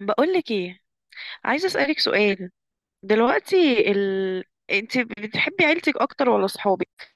بقولك ايه، عايزة اسألك سؤال دلوقتي. ال... انت بتحبي عيلتك اكتر ولا صحابك؟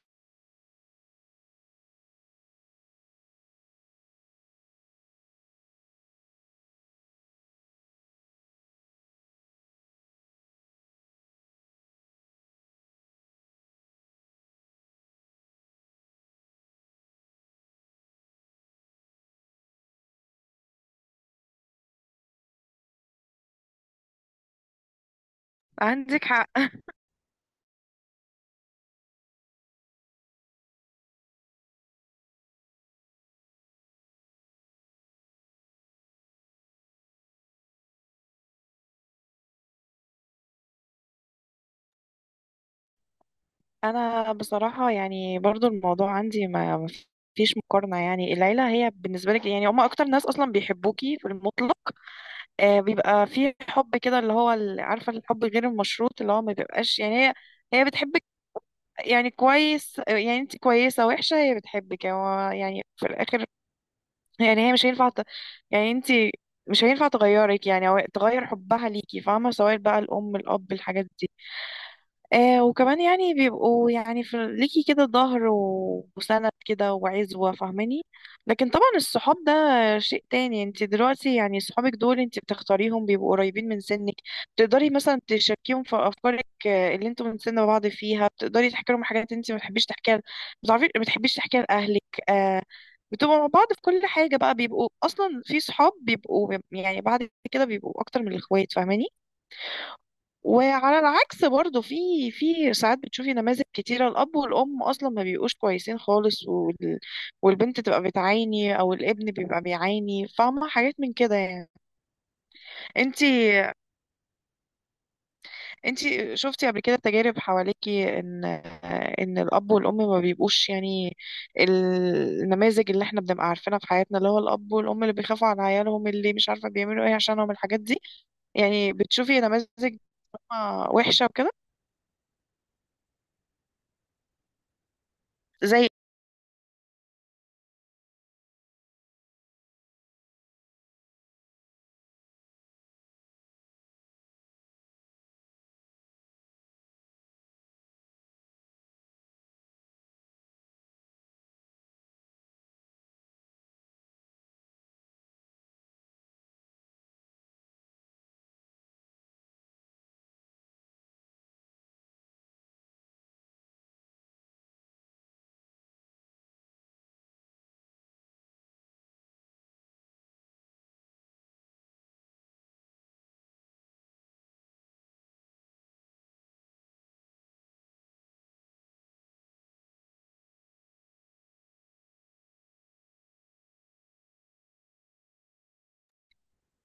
عندك حق. انا بصراحة يعني برضو الموضوع عندي ما فيش مقارنة، يعني العيلة هي بالنسبة لك، يعني هما اكتر ناس اصلا بيحبوكي في المطلق. آه، بيبقى في حب كده اللي هو عارفة الحب غير المشروط، اللي هو ما بيبقاش، يعني هي بتحبك. يعني كويس، يعني انت كويسة وحشة هي بتحبك، يعني هو يعني في الاخر، يعني هي مش هينفع يعني انت مش هينفع تغيرك، يعني او تغير حبها ليكي، فاهمة؟ سواء بقى الأم، الأب، الحاجات دي. آه، وكمان يعني بيبقوا يعني في ليكي كده ظهر وسند كده وعزوة، فاهماني؟ لكن طبعا الصحاب ده شيء تاني. انت دلوقتي يعني صحابك دول انت بتختاريهم، بيبقوا قريبين من سنك، بتقدري مثلا تشاركيهم في افكارك، آه، اللي انتوا من سن بعض فيها، بتقدري تحكي لهم حاجات انت ما بتحبيش تحكيها بتعرفي ما بتحبيش تحكيها لاهلك، آه. بتبقوا مع بعض في كل حاجة بقى، بيبقوا اصلا في صحاب بيبقوا يعني بعد كده بيبقوا اكتر من الاخوات، فاهماني؟ وعلى العكس برضه، في ساعات بتشوفي نماذج كتيرة، الأب والأم أصلا ما بيبقوش كويسين خالص، والبنت تبقى بتعاني أو الابن بيبقى بيعاني، فاهمة؟ حاجات من كده يعني. انتي انتي شفتي قبل كده تجارب حواليكي، إن الأب والأم ما بيبقوش يعني، النماذج اللي احنا بنبقى عارفينها في حياتنا اللي هو الأب والأم اللي بيخافوا على عيالهم، اللي مش عارفة بيعملوا ايه عشانهم، الحاجات دي. يعني بتشوفي نماذج وحشة وكده، زي،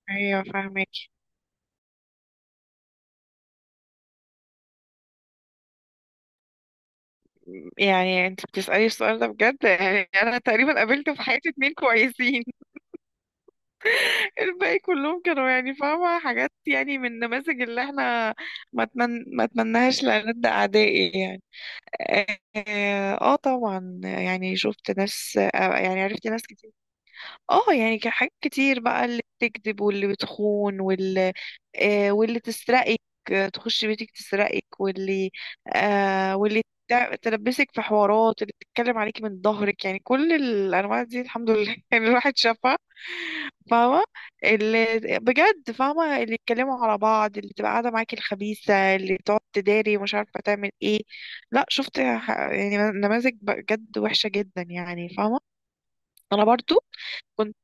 ايوه فاهمة. يعني انت بتسألي السؤال ده، بجد يعني انا تقريبا قابلت في حياتي اتنين كويسين. الباقي كلهم كانوا يعني فاهمة حاجات يعني من النماذج اللي احنا، ما اتمناهاش لألد أعدائي يعني. اه. طبعا يعني شفت ناس، يعني عرفت ناس كتير. اه، يعني كان حاجات كتير بقى، اللي بتكذب واللي بتخون واللي واللي تسرقك، تخش بيتك تسرقك، واللي واللي تلبسك في حوارات، اللي تتكلم عليكي من ظهرك، يعني كل الانواع دي الحمد لله يعني الواحد شافها، فاهمه؟ اللي، بجد فاهمه اللي يتكلموا على بعض، اللي تبقى قاعده معاكي الخبيثه، اللي تقعد تداري ومش عارفه تعمل ايه. لا، شفت يعني نماذج بجد وحشه جدا يعني، فاهمه؟ انا برضو كنت،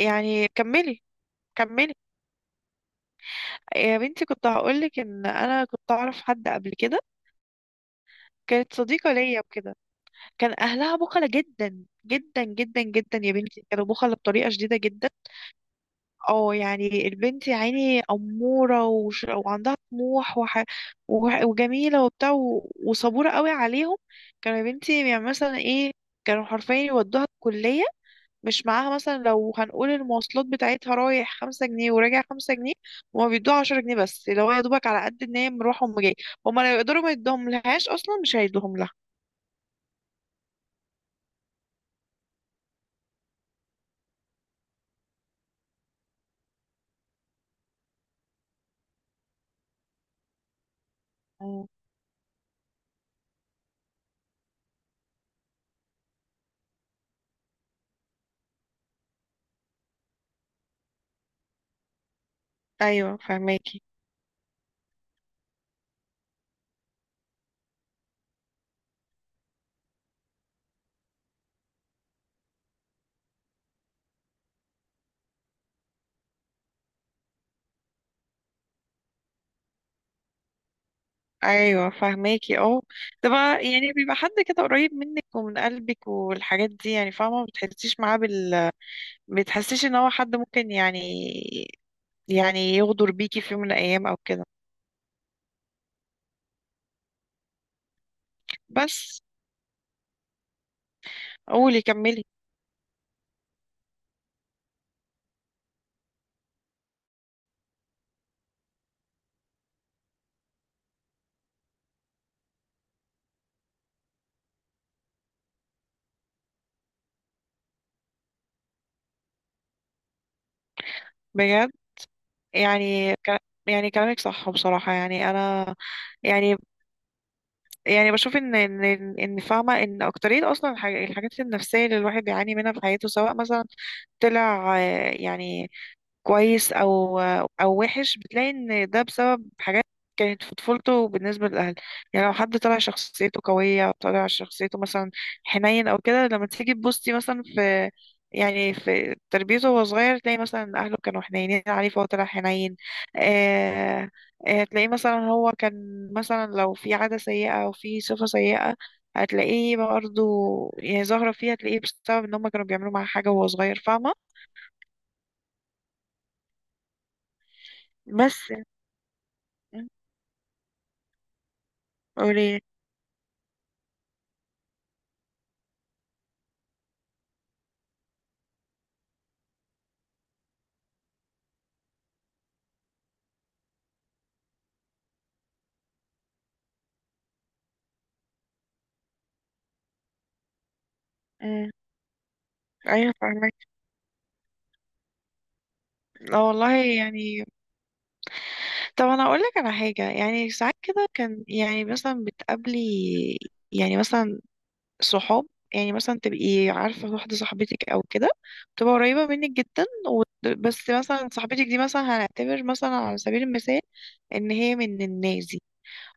يعني كملي، كملي. يا بنتي، كنت هقولك ان انا كنت اعرف حد قبل كده، كانت صديقة ليا وكده. كان اهلها بخلة جدا جدا جدا جدا، يا بنتي كانوا بخلة بطريقة شديدة جدا. اه، يعني البنت يا عيني أمورة وعندها طموح وجميلة وبتاع وصبورة قوي عليهم. كانوا يا بنتي يعني مثلا ايه، كانوا حرفيا يودوها الكلية، مش معاها مثلا. لو هنقول المواصلات بتاعتها: رايح 5 جنيه وراجع 5 جنيه، هما بيدوها 10 جنيه بس، اللي هو يا دوبك على قد ان هي مروحة وأم جاية. هما لو يقدروا ما يدوهم لهاش اصلا، مش هيدوهم لها. أيوة. ايوه فهماكي، ايوه فهماكي، اه. ده بقى يعني بيبقى حد كده قريب منك ومن قلبك والحاجات دي، يعني فاهمه ما بتحسيش معاه بتحسيش ان هو حد ممكن يعني يغدر بيكي في يوم من الايام او كده. بس قولي، كملي. بجد، يعني يعني كلامك صح بصراحة، يعني أنا يعني يعني بشوف إن، إن فاهمة إن أكترية أصلا الحاجات النفسية اللي الواحد بيعاني منها في حياته، سواء مثلا طلع، يعني كويس او وحش، بتلاقي ان ده بسبب حاجات كانت في طفولته بالنسبه للاهل. يعني لو حد طلع شخصيته قويه او طلع شخصيته مثلا حنين او كده، لما تيجي تبصي مثلا في، يعني في تربيته وهو صغير، تلاقي مثلا اهله كانوا حنينين عليه فهو طلع حنين. آه. تلاقيه مثلا هو كان مثلا، لو في عاده سيئه او في صفه سيئه، هتلاقيه برضه يعني ظاهره فيها، هتلاقيه بسبب ان هم كانوا بيعملوا معاه حاجه وهو صغير، فاهمه؟ بس قولي. مم. ايوه فاهمك. لا والله يعني، طب انا اقول لك على حاجه. يعني ساعات كده كان، يعني مثلا بتقابلي، يعني مثلا صحاب، يعني مثلا تبقي عارفه واحده صاحبتك او كده، تبقى قريبه منك جدا بس مثلا صاحبتك دي، مثلا هنعتبر مثلا على سبيل المثال ان هي من الناس دي،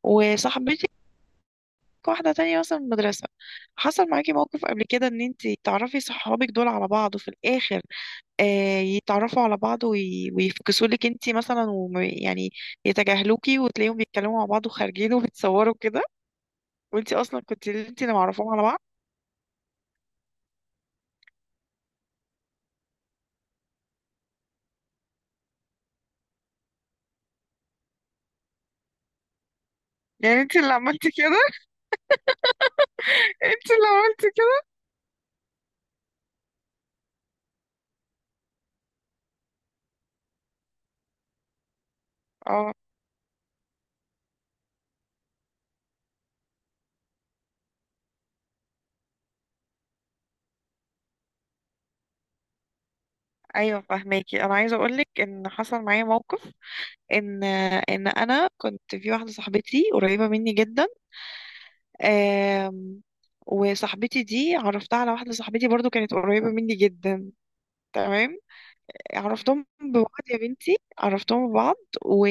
وصاحبتك واحده تانية مثلا من المدرسه. حصل معاكي موقف قبل كده ان انت تعرفي صحابك دول على بعض، وفي الاخر آه، يتعرفوا على بعض ويفكسوا لك انت مثلا يعني يتجاهلوكي، وتلاقيهم بيتكلموا مع بعض وخارجين وبتصوروا كده، وانت اصلا كنت انت اللي معرفاهم على بعض. يعني انت اللي عملتي كده؟ انت اللي عملتي كده، اه. ايوه فهماكي. انا عايزه اقول لك ان حصل معايا موقف، ان ان انا كنت في واحده صاحبتي قريبه مني جدا. آم، وصاحبتي دي عرفتها على واحده صاحبتي برضو كانت قريبه مني جدا. تمام. عرفتهم ببعض يا بنتي، عرفتهم ببعض، و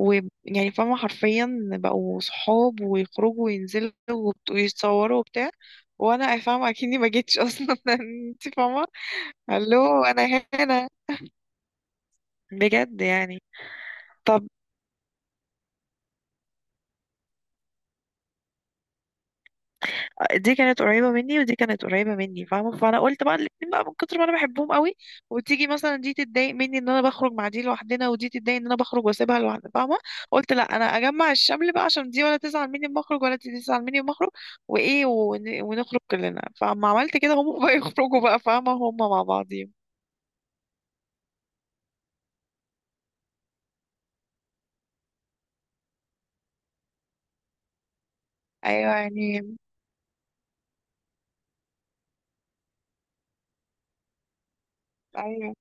و يعني فاهمة حرفيا بقوا صحاب، ويخرجوا وينزلوا ويتصوروا وبتاع، وانا فاهمة اكني ما جيتش اصلا. انت فاهمة؟ الو، انا هنا، بجد يعني. طب، دي كانت قريبة مني ودي كانت قريبة مني، فاهمة؟ فأنا قلت بقى الاتنين بقى من كتر ما أنا بحبهم قوي، وتيجي مثلا دي تتضايق مني إن أنا بخرج مع دي لوحدنا، ودي تتضايق إن أنا بخرج وأسيبها لوحدها، فاهمة؟ قلت لأ، أنا أجمع الشمل بقى، عشان دي ولا تزعل مني لما أخرج ولا دي تزعل مني لما أخرج، وإيه ونخرج كلنا. فما عملت كده، هم بقى يخرجوا بقى، فاهمة، هم مع بعضهم. أيوة، يعني أيوة،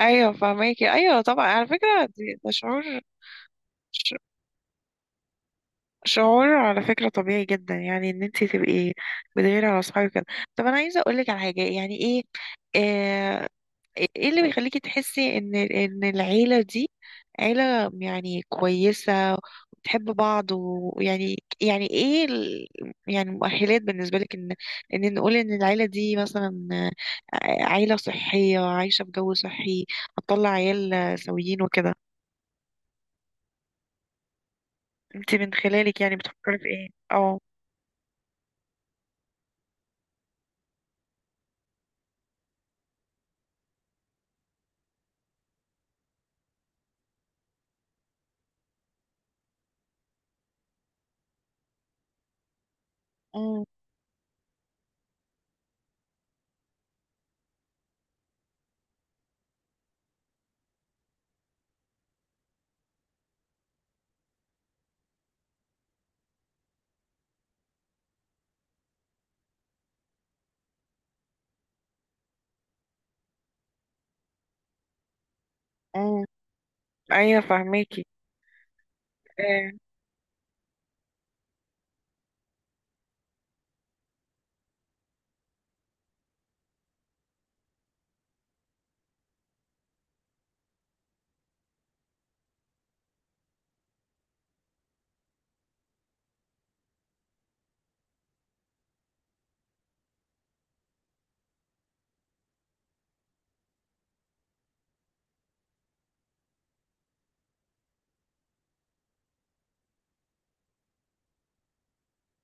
أيوة فاهماكي، أيوة. طبعا على فكرة، ده شعور، شعور على فكرة طبيعي جدا، يعني ان انت تبقي بتغيري على اصحابك كده. طب انا عايزة اقولك على حاجة. يعني ايه، آه، ايه اللي بيخليكي تحسي ان العيلة دي عيلة يعني كويسة وبتحب بعض، ويعني يعني ايه يعني مؤهلات بالنسبة لك ان نقول ان العيلة دي مثلا، آه، عيلة صحية عايشة بجو صحي، هتطلع عيال سويين وكده. انت من خلالك يعني بتفكري في ايه؟ اه. أمم، ايوه فاهماكي. آه،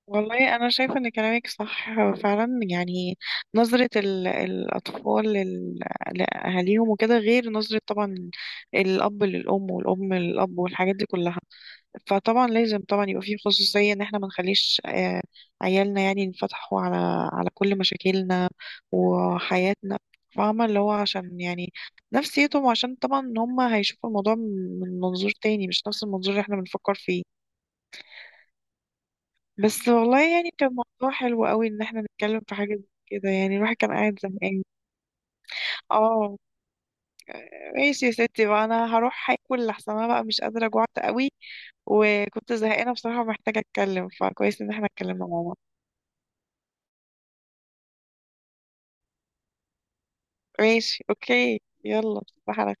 والله انا شايفه ان كلامك صح، فعلا يعني نظره الاطفال لاهاليهم وكده غير نظره طبعا الاب للام والام للاب والحاجات دي كلها. فطبعا لازم طبعا يبقى في خصوصيه ان احنا ما نخليش عيالنا يعني ينفتحوا على كل مشاكلنا وحياتنا، فاهمه؟ اللي هو عشان يعني نفسيتهم، عشان طبعا هم هيشوفوا الموضوع من منظور تاني، مش نفس المنظور اللي احنا بنفكر فيه. بس والله، يعني كان موضوع حلو قوي ان احنا نتكلم في حاجة زي كده، يعني الواحد كان قاعد زهقان. اه. ماشي يا ستي بقى، انا هروح هاكل، لحسن انا بقى مش قادرة، جوعت قوي، وكنت زهقانة بصراحة، محتاجة اتكلم، فكويس ان احنا اتكلمنا مع بعض. ماشي، اوكي، يلا، صباح على